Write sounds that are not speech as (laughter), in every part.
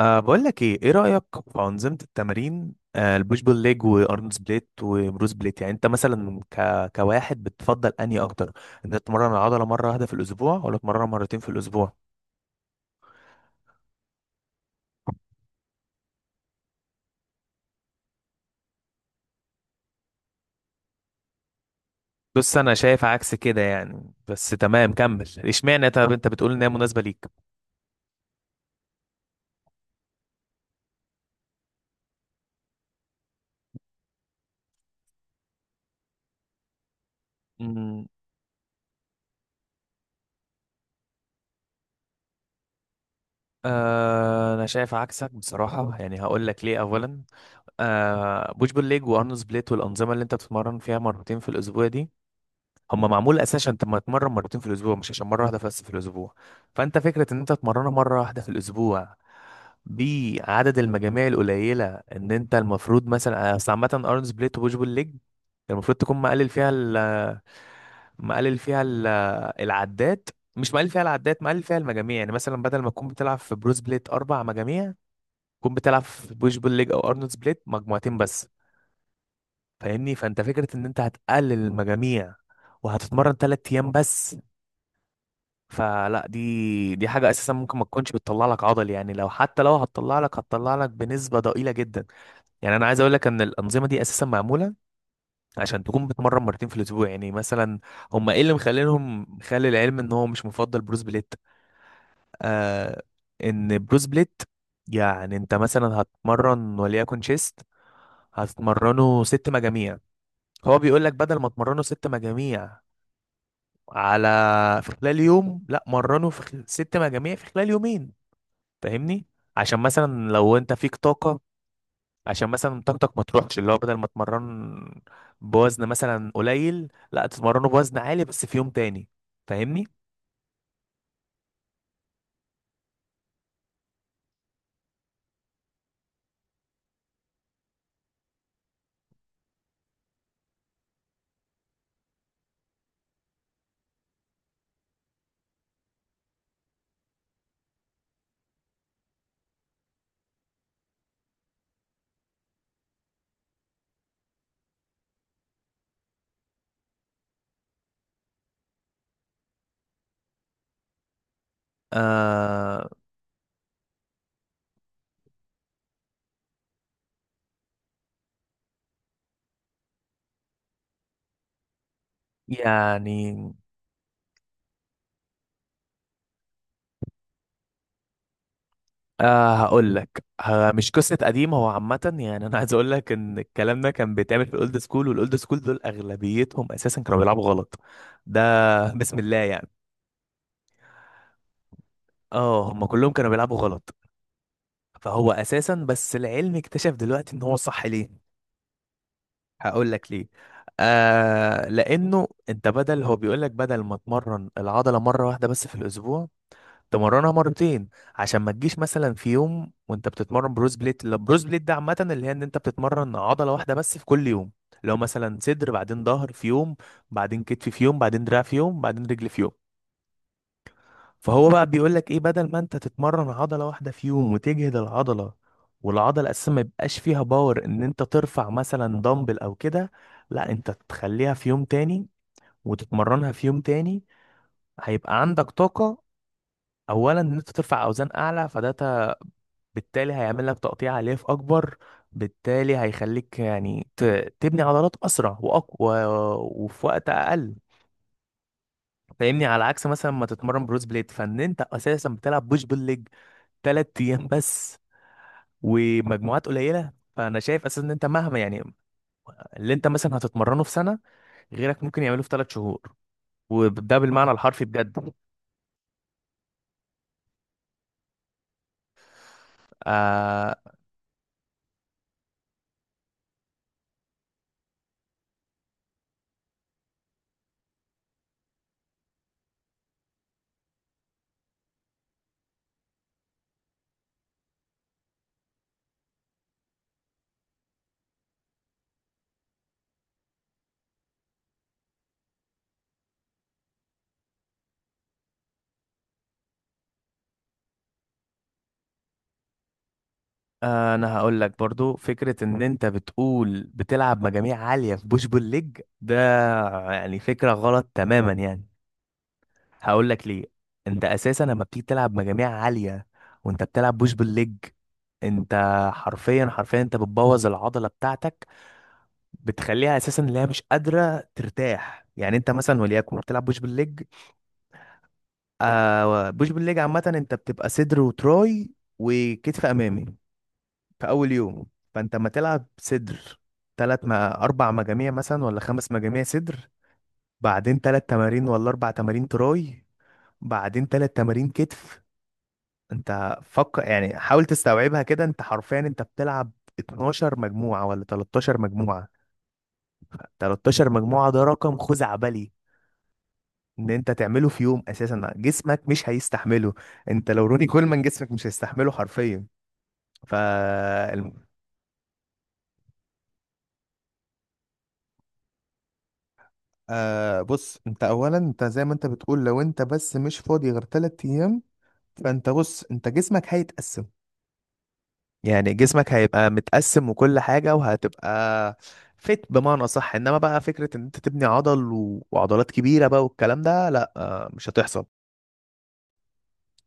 بقول لك ايه رأيك في أنظمة التمارين، البوش بول ليج وارنولد سبليت وبروس بليت؟ يعني انت مثلا كواحد بتفضل انهي اكتر؟ انت تتمرن العضلة مرة واحدة في الاسبوع ولا تتمرنها مرتين في الاسبوع؟ بص، انا شايف عكس كده يعني، بس تمام كمل. اشمعنى؟ طب انت بتقول ان هي مناسبة ليك. أمم. انا شايف عكسك بصراحة، يعني هقول لك ليه. اولا، بوش بول ليج وارنولد سبليت والأنظمة اللي انت بتتمرن فيها مرتين في الاسبوع دي، هما معمول اساسا عشان تبقى تتمرن مرتين في الاسبوع، مش عشان مره واحده بس في الاسبوع. فانت فكره ان انت تتمرنها مره واحده في الاسبوع بعدد المجاميع القليله، ان انت المفروض مثلا، اصل عامه ارن سبليت وبوش بول ليج المفروض تكون مقلل فيها مقلل فيها ال... العدات. مش مقلل فيها العدات، مقلل فيها المجاميع. يعني مثلا بدل ما تكون بتلعب في برو سبليت اربع مجاميع، تكون بتلعب في بوش بول ليج او ارنولد سبليت مجموعتين بس. فاهمني؟ فانت فكره ان انت هتقلل المجاميع وهتتمرن 3 ايام بس، فلا، دي حاجة أساسا ممكن ما تكونش بتطلع لك عضل. يعني لو حتى لو هتطلع لك، هتطلع لك بنسبة ضئيلة جدا. يعني أنا عايز أقول لك إن الأنظمة دي أساسا معمولة عشان تكون بتمرن مرتين في الأسبوع. يعني مثلا هم إيه اللي مخلينهم، مخلي العلم إن هو مش مفضل بروس بليت؟ آه. إن بروس بليت، يعني أنت مثلا هتمرن وليكن شيست، هتمرنه 6 مجاميع. هو بيقول لك بدل ما تمرنه 6 مجاميع على، في خلال يوم، لا مرنه 6 مجاميع في خلال يومين. فاهمني؟ عشان مثلا لو انت فيك طاقة، عشان مثلا طاقتك ما تروحش، اللي هو بدل ما تمرن بوزن مثلا قليل، لا تتمرنه بوزن عالي بس في يوم تاني. فاهمني؟ آه. يعني هقول لك. مش قصة قديمة، هو عامة يعني انا عايز اقول لك ان الكلام ده كان بيتعمل في الاولد سكول، والاولد سكول دول اغلبيتهم اساسا كانوا بيلعبوا غلط. ده (laughs) بسم الله يعني. اه، هم كلهم كانوا بيلعبوا غلط. فهو اساسا بس العلم اكتشف دلوقتي ان هو صح. ليه؟ هقول لك ليه. لانه انت بدل، هو بيقول لك بدل ما تمرن العضله مره واحده بس في الاسبوع، تمرنها مرتين. عشان ما تجيش مثلا في يوم وانت بتتمرن بروز بليت. لا، بروز بليت ده عامه اللي هي ان انت بتتمرن عضله واحده بس في كل يوم. لو مثلا صدر، بعدين ظهر في يوم، بعدين كتف في يوم، بعدين دراع في يوم، بعدين رجل في يوم. فهو بقى بيقول لك ايه، بدل ما انت تتمرن عضله واحده في يوم وتجهد العضله، والعضله اساسا ما يبقاش فيها باور ان انت ترفع مثلا دمبل او كده، لا انت تخليها في يوم تاني وتتمرنها في يوم تاني. هيبقى عندك طاقه اولا ان انت ترفع اوزان اعلى، بالتالي هيعمل لك تقطيع الياف اكبر، بالتالي هيخليك يعني تبني عضلات اسرع واقوى وفي وقت اقل. فاهمني؟ على عكس مثلا ما تتمرن بروز بليت، فان انت اساسا بتلعب بوش بول ليج 3 ايام بس ومجموعات قليله. فانا شايف اساسا ان انت مهما يعني، اللي انت مثلا هتتمرنه في سنه غيرك ممكن يعمله في 3 شهور. وده بالمعنى الحرفي بجد. آه آه، انا هقول لك برضو، فكره ان انت بتقول بتلعب مجاميع عاليه في بوش بول ليج ده، يعني فكره غلط تماما يعني. هقول لك ليه. انت اساسا لما بتيجي تلعب مجاميع عاليه وانت بتلعب بوش بول ليج، انت حرفيا، حرفيا انت بتبوظ العضله بتاعتك. بتخليها اساسا اللي هي مش قادره ترتاح. يعني انت مثلا وليكن بتلعب بوش بالليج، بوش بالليج عامه انت بتبقى صدر وتراي وكتف امامي في اول يوم. فانت ما تلعب صدر تلات ما 4 مجاميع مثلا ولا 5 مجاميع صدر، بعدين 3 تمارين ولا 4 تمارين تراي، بعدين 3 تمارين كتف. انت فكر يعني، حاول تستوعبها كده. انت حرفيا انت بتلعب 12 مجموعة ولا 13 مجموعة. 13 مجموعة ده رقم خزعبلي ان انت تعمله في يوم. اساسا جسمك مش هيستحمله. انت لو روني كولمان جسمك مش هيستحمله حرفيا. ف بص، انت اولا انت زي ما انت بتقول لو انت بس مش فاضي غير 3 ايام، فانت بص انت جسمك هيتقسم. يعني جسمك هيبقى متقسم وكل حاجة، وهتبقى فت بمعنى صح. انما بقى فكرة ان انت تبني عضل وعضلات كبيرة بقى والكلام ده، لا مش هتحصل.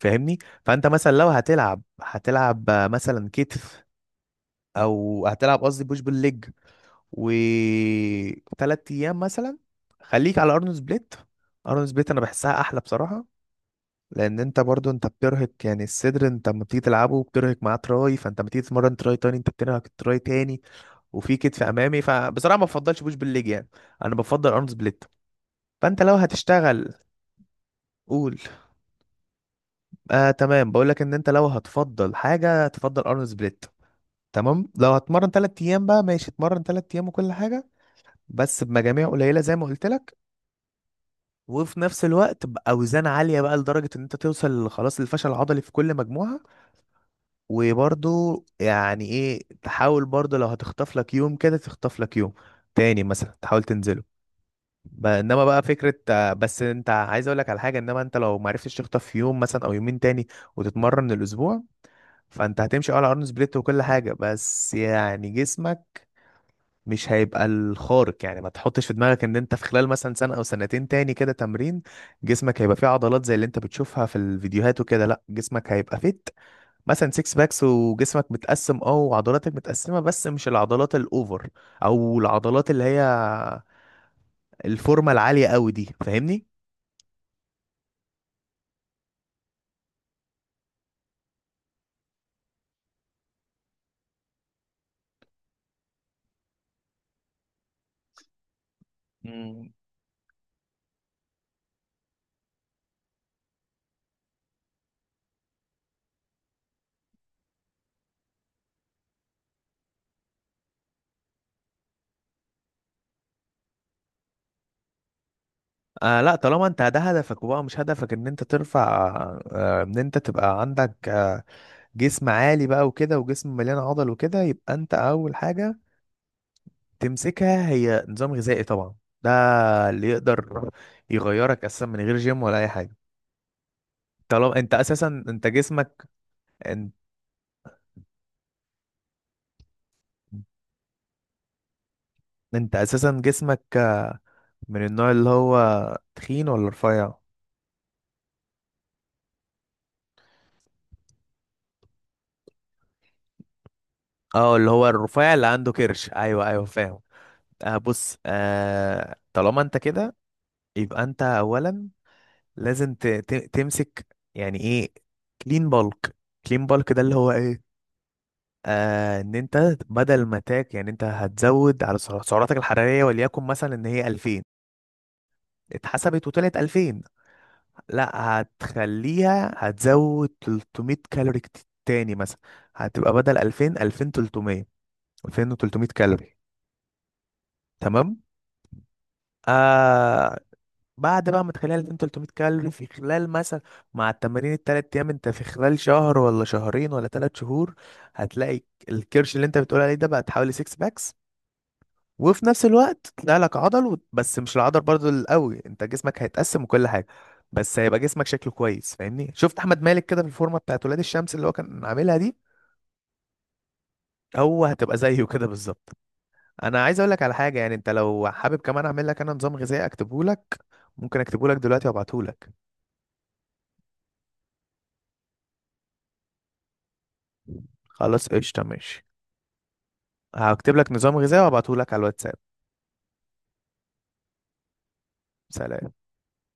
فاهمني؟ فانت مثلا لو هتلعب، هتلعب مثلا كتف، او هتلعب، قصدي بوش بالليج وثلاث ايام مثلا. خليك على ارنولد سبليت. ارنولد سبليت انا بحسها احلى بصراحه، لان انت برضو انت بترهق يعني الصدر، انت لما بتيجي تلعبه بترهق معاه تراي، فانت لما تيجي تتمرن تراي تاني انت بترهق التراي تاني وفي كتف امامي. فبصراحه ما بفضلش بوش بالليج يعني، انا بفضل ارنولد سبليت. فانت لو هتشتغل، قول. تمام، بقول لك ان انت لو هتفضل حاجه تفضل ارنولد سبليت، تمام. لو هتمرن 3 ايام بقى ماشي، اتمرن 3 ايام وكل حاجه، بس بمجاميع قليله زي ما قلت لك، وفي نفس الوقت باوزان عاليه بقى، لدرجه ان انت توصل خلاص للفشل العضلي في كل مجموعه. وبرضو يعني ايه، تحاول برضو لو هتخطف لك يوم كده تخطف لك يوم تاني مثلا، تحاول تنزله. انما بقى فكره، بس انت عايز اقول لك على حاجه، انما انت لو ما عرفتش تخطف يوم مثلا او يومين تاني وتتمرن الاسبوع، فانت هتمشي على ارن سبليت وكل حاجه، بس يعني جسمك مش هيبقى الخارق. يعني ما تحطش في دماغك ان انت في خلال مثلا سنة او سنتين تاني كده تمرين، جسمك هيبقى فيه عضلات زي اللي انت بتشوفها في الفيديوهات وكده. لا، جسمك هيبقى فيت، مثلا سيكس باكس وجسمك متقسم اه وعضلاتك متقسمة، بس مش العضلات الاوفر او العضلات اللي هي الفورمة العالية قوي دي. فاهمني؟ آه. لا، طالما انت ده هدفك وبقى مش هدفك ان انت ترفع، ان انت تبقى عندك جسم عالي بقى وكده، وجسم مليان عضل وكده، يبقى انت اول حاجة تمسكها هي نظام غذائي طبعا. ده اللي يقدر يغيرك اساسا من غير جيم ولا اي حاجه. طالما انت اساسا انت جسمك، انت, انت, اساسا جسمك من النوع اللي هو تخين ولا رفيع؟ اه، اللي هو الرفيع اللي عنده كرش، ايوه ايوه، فاهم. بص، آه، طالما انت كده يبقى انت اولا لازم تمسك، يعني ايه، كلين بالك. كلين بالك ده اللي هو ايه، ان انت بدل ما تاك، يعني انت هتزود على سعراتك الحرارية وليكن مثلا ان هي 2000. اتحسبت وطلعت 2000. لا، هتخليها، هتزود 300 كالوري تاني مثلا. هتبقى بدل 2000، 2300. 2300 كالوري، تمام. آه. بعد بقى ما تخليها 2300 كالوري في خلال مثلا، مع التمارين التلات ايام، انت في خلال شهر ولا شهرين ولا 3 شهور هتلاقي الكرش اللي انت بتقول عليه ده بقى تحوالي 6 باكس. وفي نفس الوقت تطلع لك عضل بس مش العضل برضو القوي، انت جسمك هيتقسم وكل حاجه، بس هيبقى جسمك شكله كويس. فاهمني؟ شفت احمد مالك كده في الفورمه بتاعت ولاد الشمس اللي هو كان عاملها دي؟ هو هتبقى زيه كده بالظبط. انا عايز اقول لك على حاجه، يعني انت لو حابب كمان اعمل لك انا نظام غذائي اكتبه لك؟ ممكن اكتبه لك دلوقتي وابعته لك. خلاص قشطه، ماشي، هكتب لك نظام غذائي وابعته لك على الواتساب. سلام.